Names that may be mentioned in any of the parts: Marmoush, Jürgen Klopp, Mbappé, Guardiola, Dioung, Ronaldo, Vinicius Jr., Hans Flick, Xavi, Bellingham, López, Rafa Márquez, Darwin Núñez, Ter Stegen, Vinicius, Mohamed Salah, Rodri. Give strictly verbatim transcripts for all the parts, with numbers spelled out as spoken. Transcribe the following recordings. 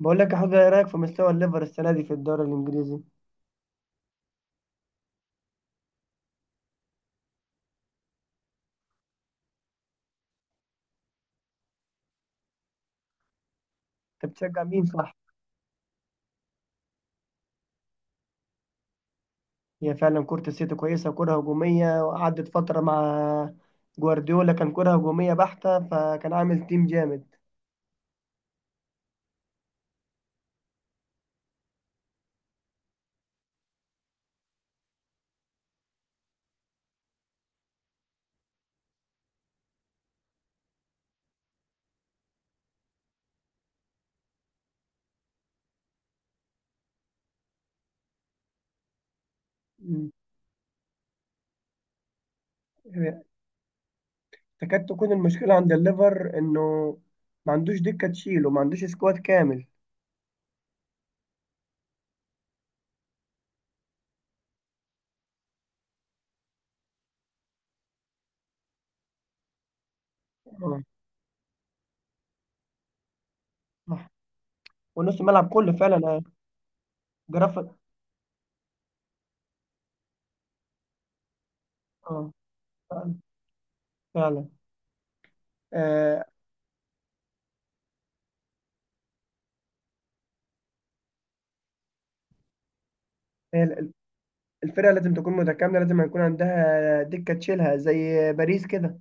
بقول لك يا حوده، ايه رايك في مستوى الليفر السنه دي في الدوري الانجليزي؟ انت بتشجع مين، صح؟ هي فعلا كره السيتي كويسه، كره هجوميه، وقعدت فتره مع جوارديولا. كان كره هجوميه بحته، فكان عامل تيم جامد. مم. تكاد تكون المشكله عند الليفر انه ما عندوش دكه تشيله، ما عندوش سكواد كامل. اه. صح. ونص الملعب كله فعلا. جرافيك. اه. فعلا. فعلا. آه، هي ال- الفرقه لازم تكون متكامله، لازم يكون عندها دكه تشيلها زي باريس كده.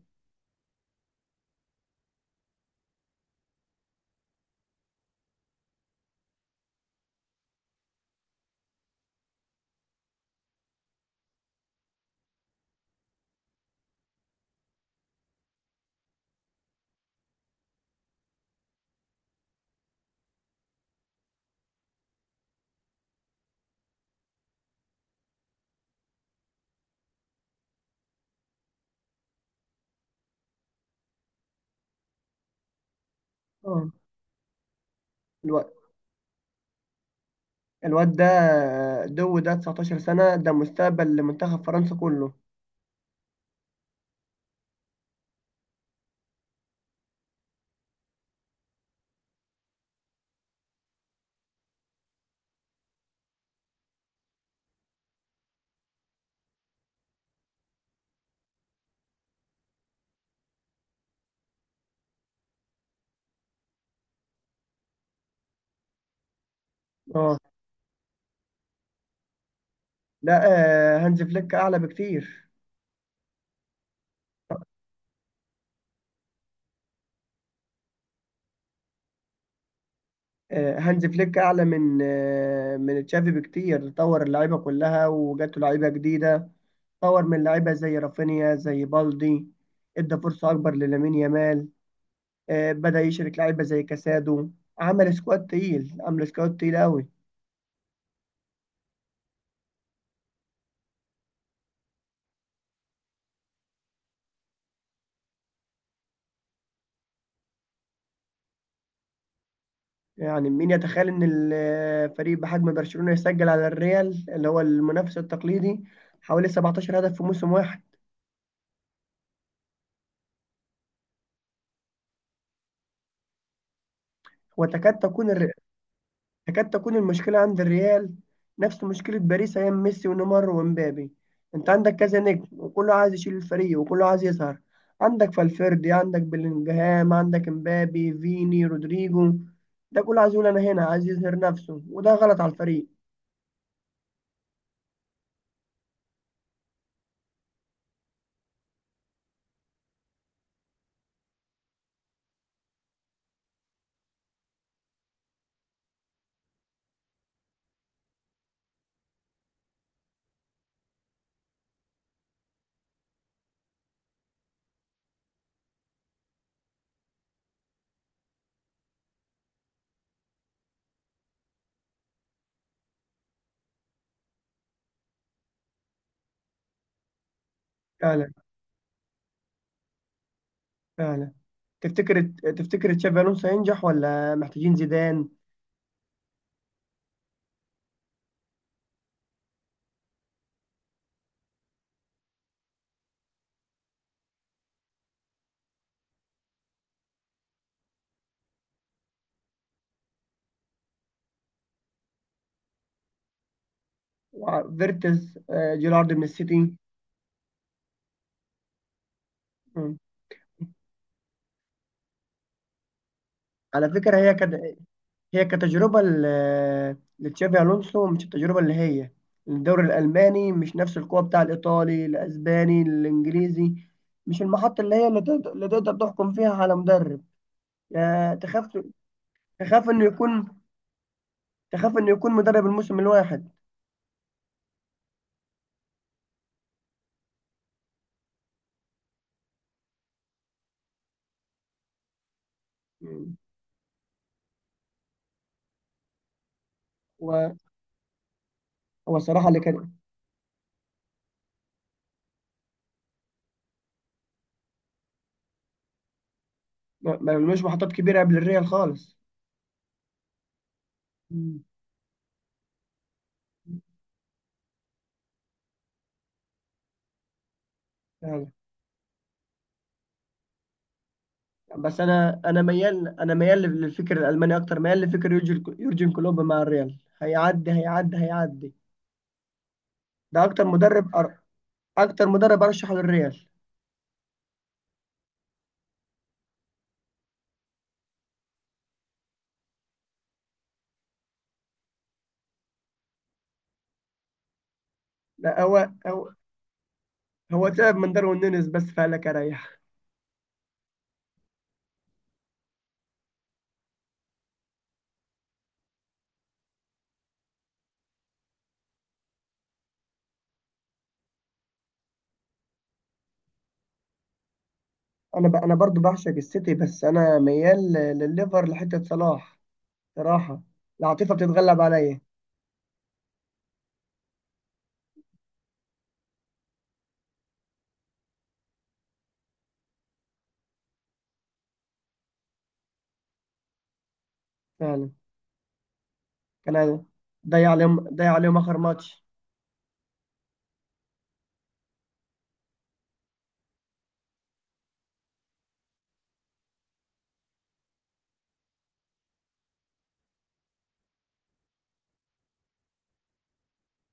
اه، الواد ده دو ده 19 سنة، ده مستقبل لمنتخب فرنسا كله. اه. لا. آه، هانز فليك أعلى بكتير. آه، هانز فليك أعلى من آه، من تشافي بكتير. طور اللعيبة كلها وجاته لعيبة جديدة، طور من لعيبة زي رافينيا، زي بالدي، ادى فرصة أكبر للامين يامال. آه، بدأ يشرك لعيبة زي كاسادو. عمل سكواد تقيل، عمل سكواد تقيل أوي. يعني مين يتخيل ان الفريق بحجم برشلونة يسجل على الريال اللي هو المنافس التقليدي حوالي 17 هدف في موسم واحد؟ وتكاد تكون الر... تكاد تكون المشكلة عند الريال نفس مشكلة باريس ايام ميسي ونيمار ومبابي. انت عندك كذا نجم، وكله عايز يشيل الفريق وكله عايز يظهر. عندك فالفيردي، عندك بلينجهام، عندك مبابي، فيني، رودريجو، ده كله عايز يقول انا هنا، عايز يظهر نفسه، وده غلط على الفريق. فعلا. تفتكر تفتكر تشافي الونسو هينجح ولا محتاجين زيدان؟ وفيرتز، آه، جيرارد من السيتي. مم. على فكره هي كد... هي كتجربه ل- لتشافي الونسو، مش التجربه اللي هي الدوري الالماني، مش نفس القوه بتاع الايطالي الاسباني الانجليزي، مش المحطه اللي هي اللي تقدر، اللي تقدر تحكم فيها على مدرب. يا تخاف، تخاف انه يكون، تخاف انه يكون مدرب الموسم الواحد. مم. و- هو الصراحه اللي كان. ما ما عملوش محطات كبيره قبل الريال خالص. مم. أيوة. بس انا انا ميال انا ميال للفكر الالماني اكتر، ميال لفكر يورجن يورجن كلوب. مع الريال هيعدي هيعدي هيعدي. ده اكتر مدرب أر... اكتر مدرب ارشحه للريال. لا، هو هو هو تعب من داروين نونيز بس، فقالك اريح. انا ب... انا برضو بعشق السيتي، بس انا ميال ل- للليفر لحته صلاح. صراحه، العاطفه بتتغلب عليا. فعلا. كان، ضيع عليهم ضيع عليهم اخر ماتش.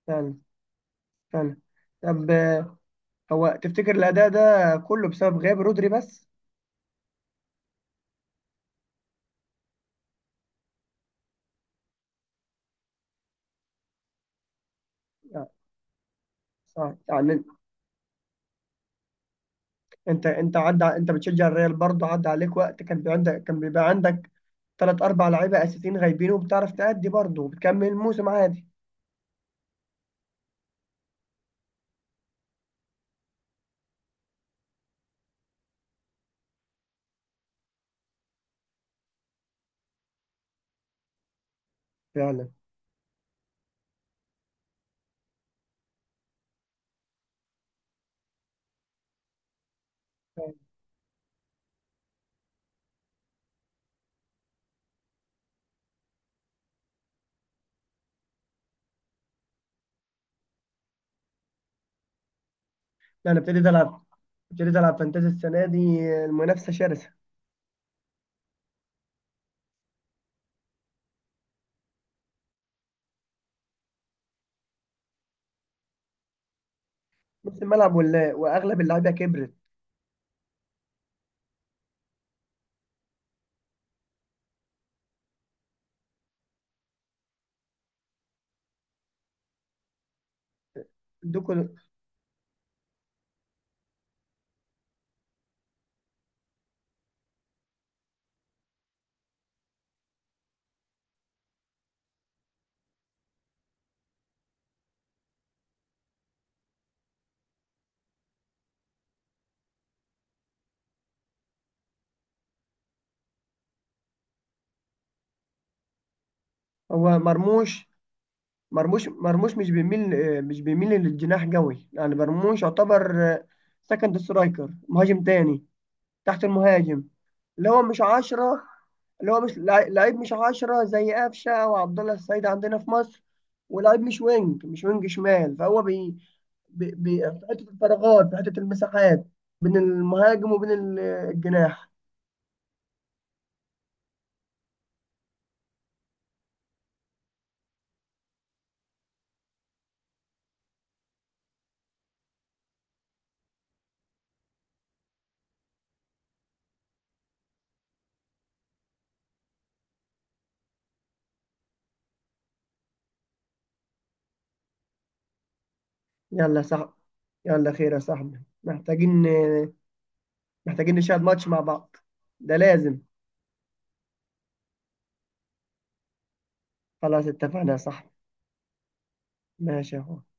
فعلا. فعلا. طب، هو تفتكر الأداء ده كله بسبب غياب رودري بس؟ لا. صح يعني. أنت أنت عدى أنت بتشجع الريال برضه، عدى عليك وقت كان بيبقى عندك، كان بيبقى عندك تلات أربع لعيبة أساسيين غايبين وبتعرف تأدي برضه وبتكمل الموسم عادي. فعلا. أنا ابتديت ألعب ابتديت ألعب فانتازي السنة دي، المنافسة شرسة. نص الملعب ولا وأغلب اللعيبة كبرت. دوكو. هو مرموش مرموش مرموش مش بيميل، آه، مش بيميل للجناح قوي، يعني مرموش يعتبر سكند سترايكر، مهاجم تاني، تحت المهاجم، اللي هو مش عشرة. اللي هو مش لع- لعيب مش عشرة زي قفشة أو عبد الله السعيد عندنا في مصر، ولعيب مش وينج، مش وينج شمال، فهو بي بي بي في حتة الفراغات، في حتة المساحات بين المهاجم وبين ال- الجناح. يلا يا صاحبي. يلا خير يا صاحبي، محتاجين محتاجين نشاهد ماتش مع بعض، ده لازم. خلاص، اتفقنا يا صاحبي. ماشي يا أخوي.